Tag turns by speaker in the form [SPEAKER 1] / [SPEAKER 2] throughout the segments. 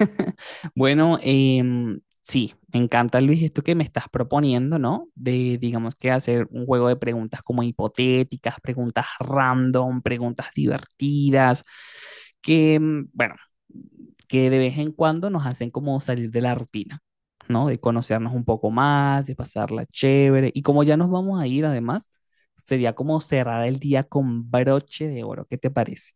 [SPEAKER 1] Bueno, sí, me encanta Luis esto que me estás proponiendo, ¿no? Digamos que hacer un juego de preguntas como hipotéticas, preguntas random, preguntas divertidas, que, bueno, que de vez en cuando nos hacen como salir de la rutina, ¿no? De conocernos un poco más, de pasarla chévere. Y como ya nos vamos a ir, además, sería como cerrar el día con broche de oro. ¿Qué te parece?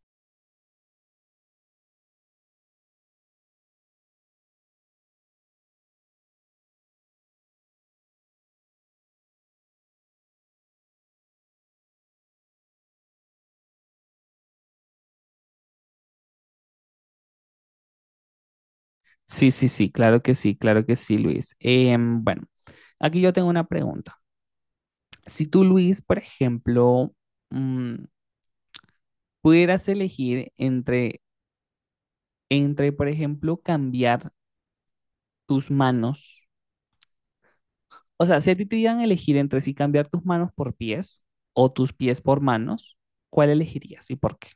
[SPEAKER 1] Sí, sí, sí, claro que sí, claro que sí, Luis. Bueno. Aquí yo tengo una pregunta. Si tú, Luis, por ejemplo, mm, pudieras elegir entre, por ejemplo, cambiar tus manos, o sea, si a ti te dieran a elegir entre si cambiar tus manos por pies o tus pies por manos, ¿cuál elegirías y por qué?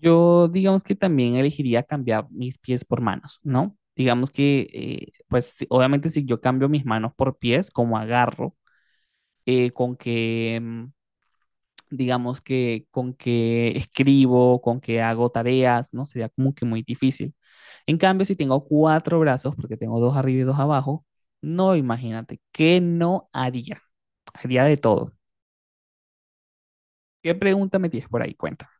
[SPEAKER 1] Yo, digamos que también elegiría cambiar mis pies por manos, ¿no? Digamos que, pues, obviamente si yo cambio mis manos por pies, como agarro, con que digamos que con que escribo, con que hago tareas, ¿no? Sería como que muy difícil. En cambio, si tengo cuatro brazos, porque tengo dos arriba y dos abajo, no, imagínate, ¿qué no haría? Haría de todo. ¿Qué pregunta me tienes por ahí? Cuenta.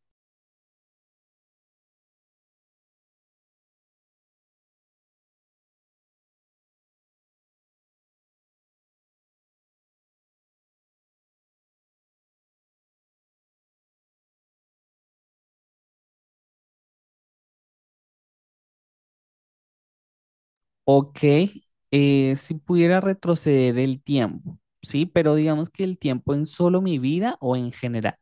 [SPEAKER 1] Ok, si pudiera retroceder el tiempo, ¿sí? Pero digamos que el tiempo en solo mi vida o en general.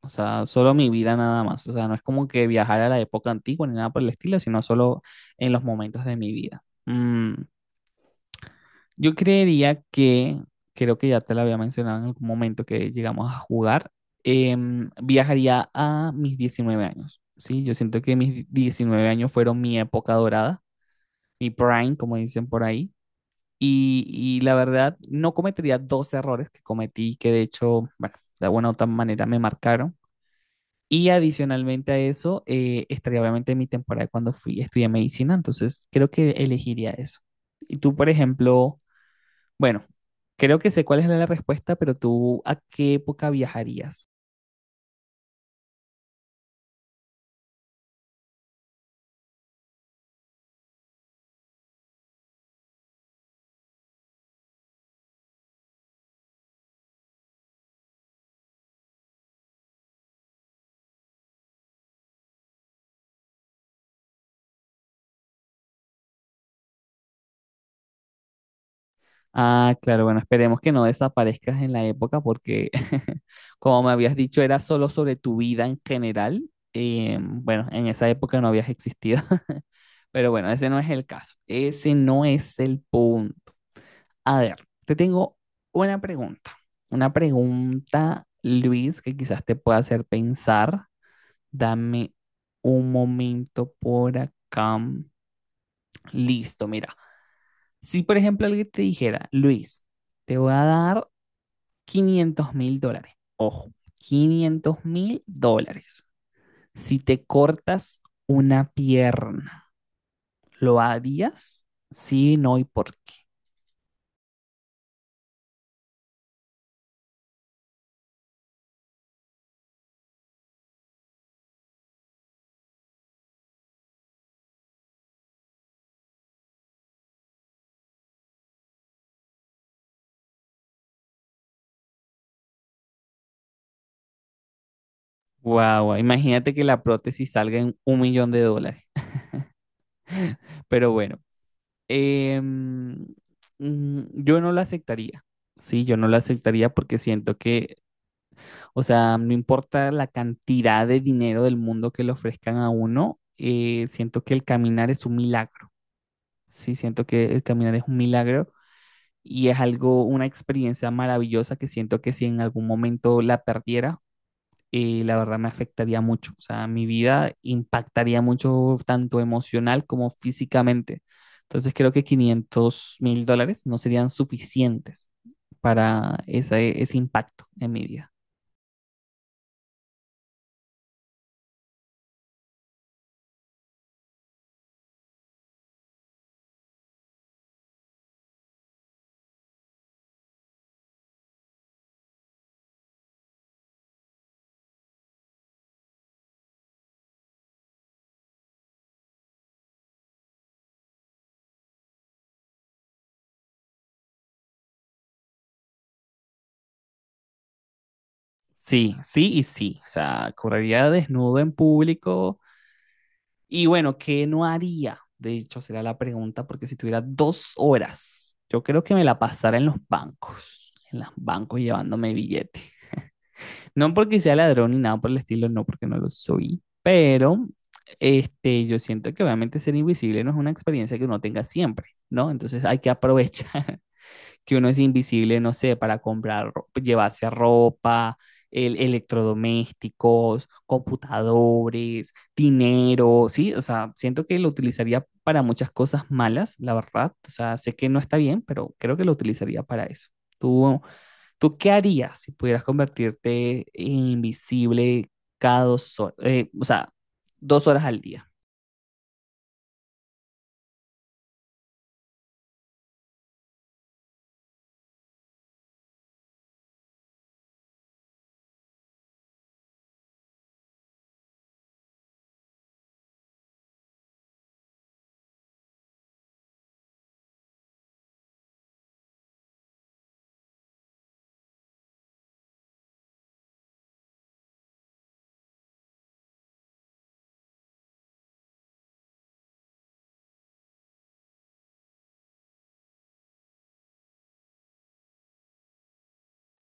[SPEAKER 1] O sea, solo mi vida nada más. O sea, no es como que viajar a la época antigua ni nada por el estilo, sino solo en los momentos de mi vida. Yo creería creo que ya te lo había mencionado en algún momento que llegamos a jugar, viajaría a mis 19 años. Sí, yo siento que mis 19 años fueron mi época dorada, mi prime, como dicen por ahí. Y la verdad, no cometería dos errores que cometí, que de hecho, bueno, de alguna u otra manera me marcaron. Y adicionalmente a eso, estaría obviamente mi temporada cuando fui, estudié medicina, entonces creo que elegiría eso. Y tú, por ejemplo, bueno, creo que sé cuál es la respuesta, pero tú, ¿a qué época viajarías? Ah, claro, bueno, esperemos que no desaparezcas en la época porque, como me habías dicho, era solo sobre tu vida en general. Bueno, en esa época no habías existido, pero bueno, ese no es el caso. Ese no es el punto. A ver, te tengo una pregunta. Una pregunta, Luis, que quizás te pueda hacer pensar. Dame un momento por acá. Listo, mira. Si, por ejemplo, alguien te dijera, Luis, te voy a dar $500,000. Ojo, $500,000. Si te cortas una pierna, ¿lo harías? Sí, no y por qué. Guau, guau, imagínate que la prótesis salga en $1,000,000. Pero bueno, em, yo no la aceptaría. Sí, yo no la aceptaría porque siento que, o sea, no importa la cantidad de dinero del mundo que le ofrezcan a uno, siento que el caminar es un milagro. Sí, siento que el caminar es un milagro y es algo, una experiencia maravillosa que siento que si en algún momento la perdiera, la verdad me afectaría mucho. O sea, mi vida impactaría mucho tanto emocional como físicamente. Entonces creo que $500,000 no serían suficientes para ese impacto en mi vida. Sí, sí y sí. O sea, correría desnudo en público. Y bueno, ¿qué no haría? De hecho, será la pregunta, porque si tuviera 2 horas, yo creo que me la pasara en los bancos llevándome billete. No porque sea ladrón ni nada por el estilo, no, porque no lo soy. Pero este, yo siento que obviamente ser invisible no es una experiencia que uno tenga siempre, ¿no? Entonces hay que aprovechar que uno es invisible, no sé, para comprar, llevarse ropa, electrodomésticos, computadores, dinero, ¿sí? O sea, siento que lo utilizaría para muchas cosas malas, la verdad. O sea, sé que no está bien, pero creo que lo utilizaría para eso. ¿Tú ¿Tú qué harías si pudieras convertirte en invisible cada 2 horas? O sea, 2 horas al día.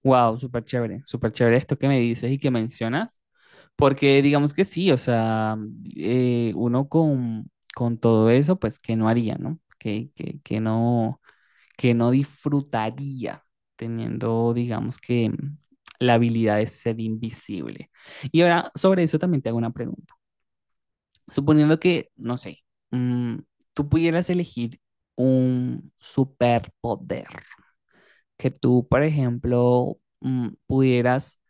[SPEAKER 1] Wow, súper chévere esto que me dices y que mencionas. Porque digamos que sí, o sea, uno con todo eso, pues que no haría, ¿no? Que no disfrutaría teniendo, digamos que, la habilidad de ser invisible. Y ahora, sobre eso también te hago una pregunta. Suponiendo que, no sé, mm, tú pudieras elegir un superpoder, que tú, por ejemplo, pudieras,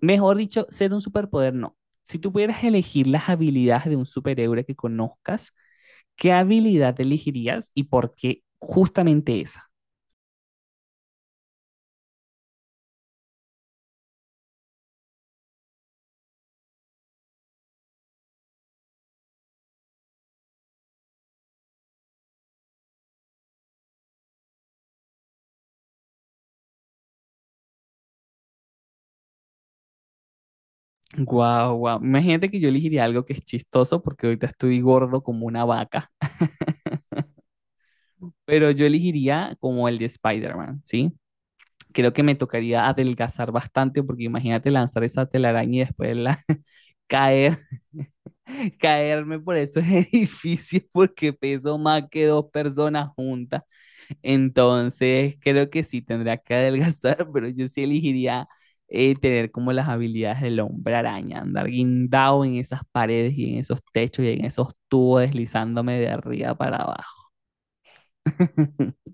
[SPEAKER 1] mejor dicho, ser un superpoder, no. Si tú pudieras elegir las habilidades de un superhéroe que conozcas, ¿qué habilidad elegirías y por qué justamente esa? Guau, guau. Imagínate que yo elegiría algo que es chistoso porque ahorita estoy gordo como una vaca, pero yo elegiría como el de Spider-Man, ¿sí? Creo que me tocaría adelgazar bastante porque imagínate lanzar esa telaraña y después caer, caerme por esos edificios porque peso más que dos personas juntas. Entonces creo que sí tendría que adelgazar, pero yo sí elegiría tener como las habilidades del hombre araña, andar guindado en esas paredes y en esos techos y en esos tubos deslizándome de arriba para abajo.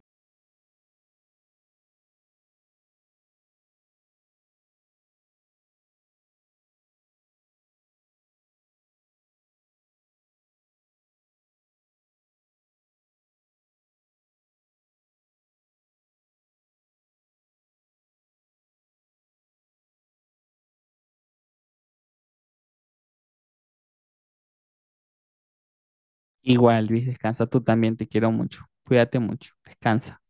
[SPEAKER 1] Igual, Luis, descansa tú también, te quiero mucho. Cuídate mucho, descansa.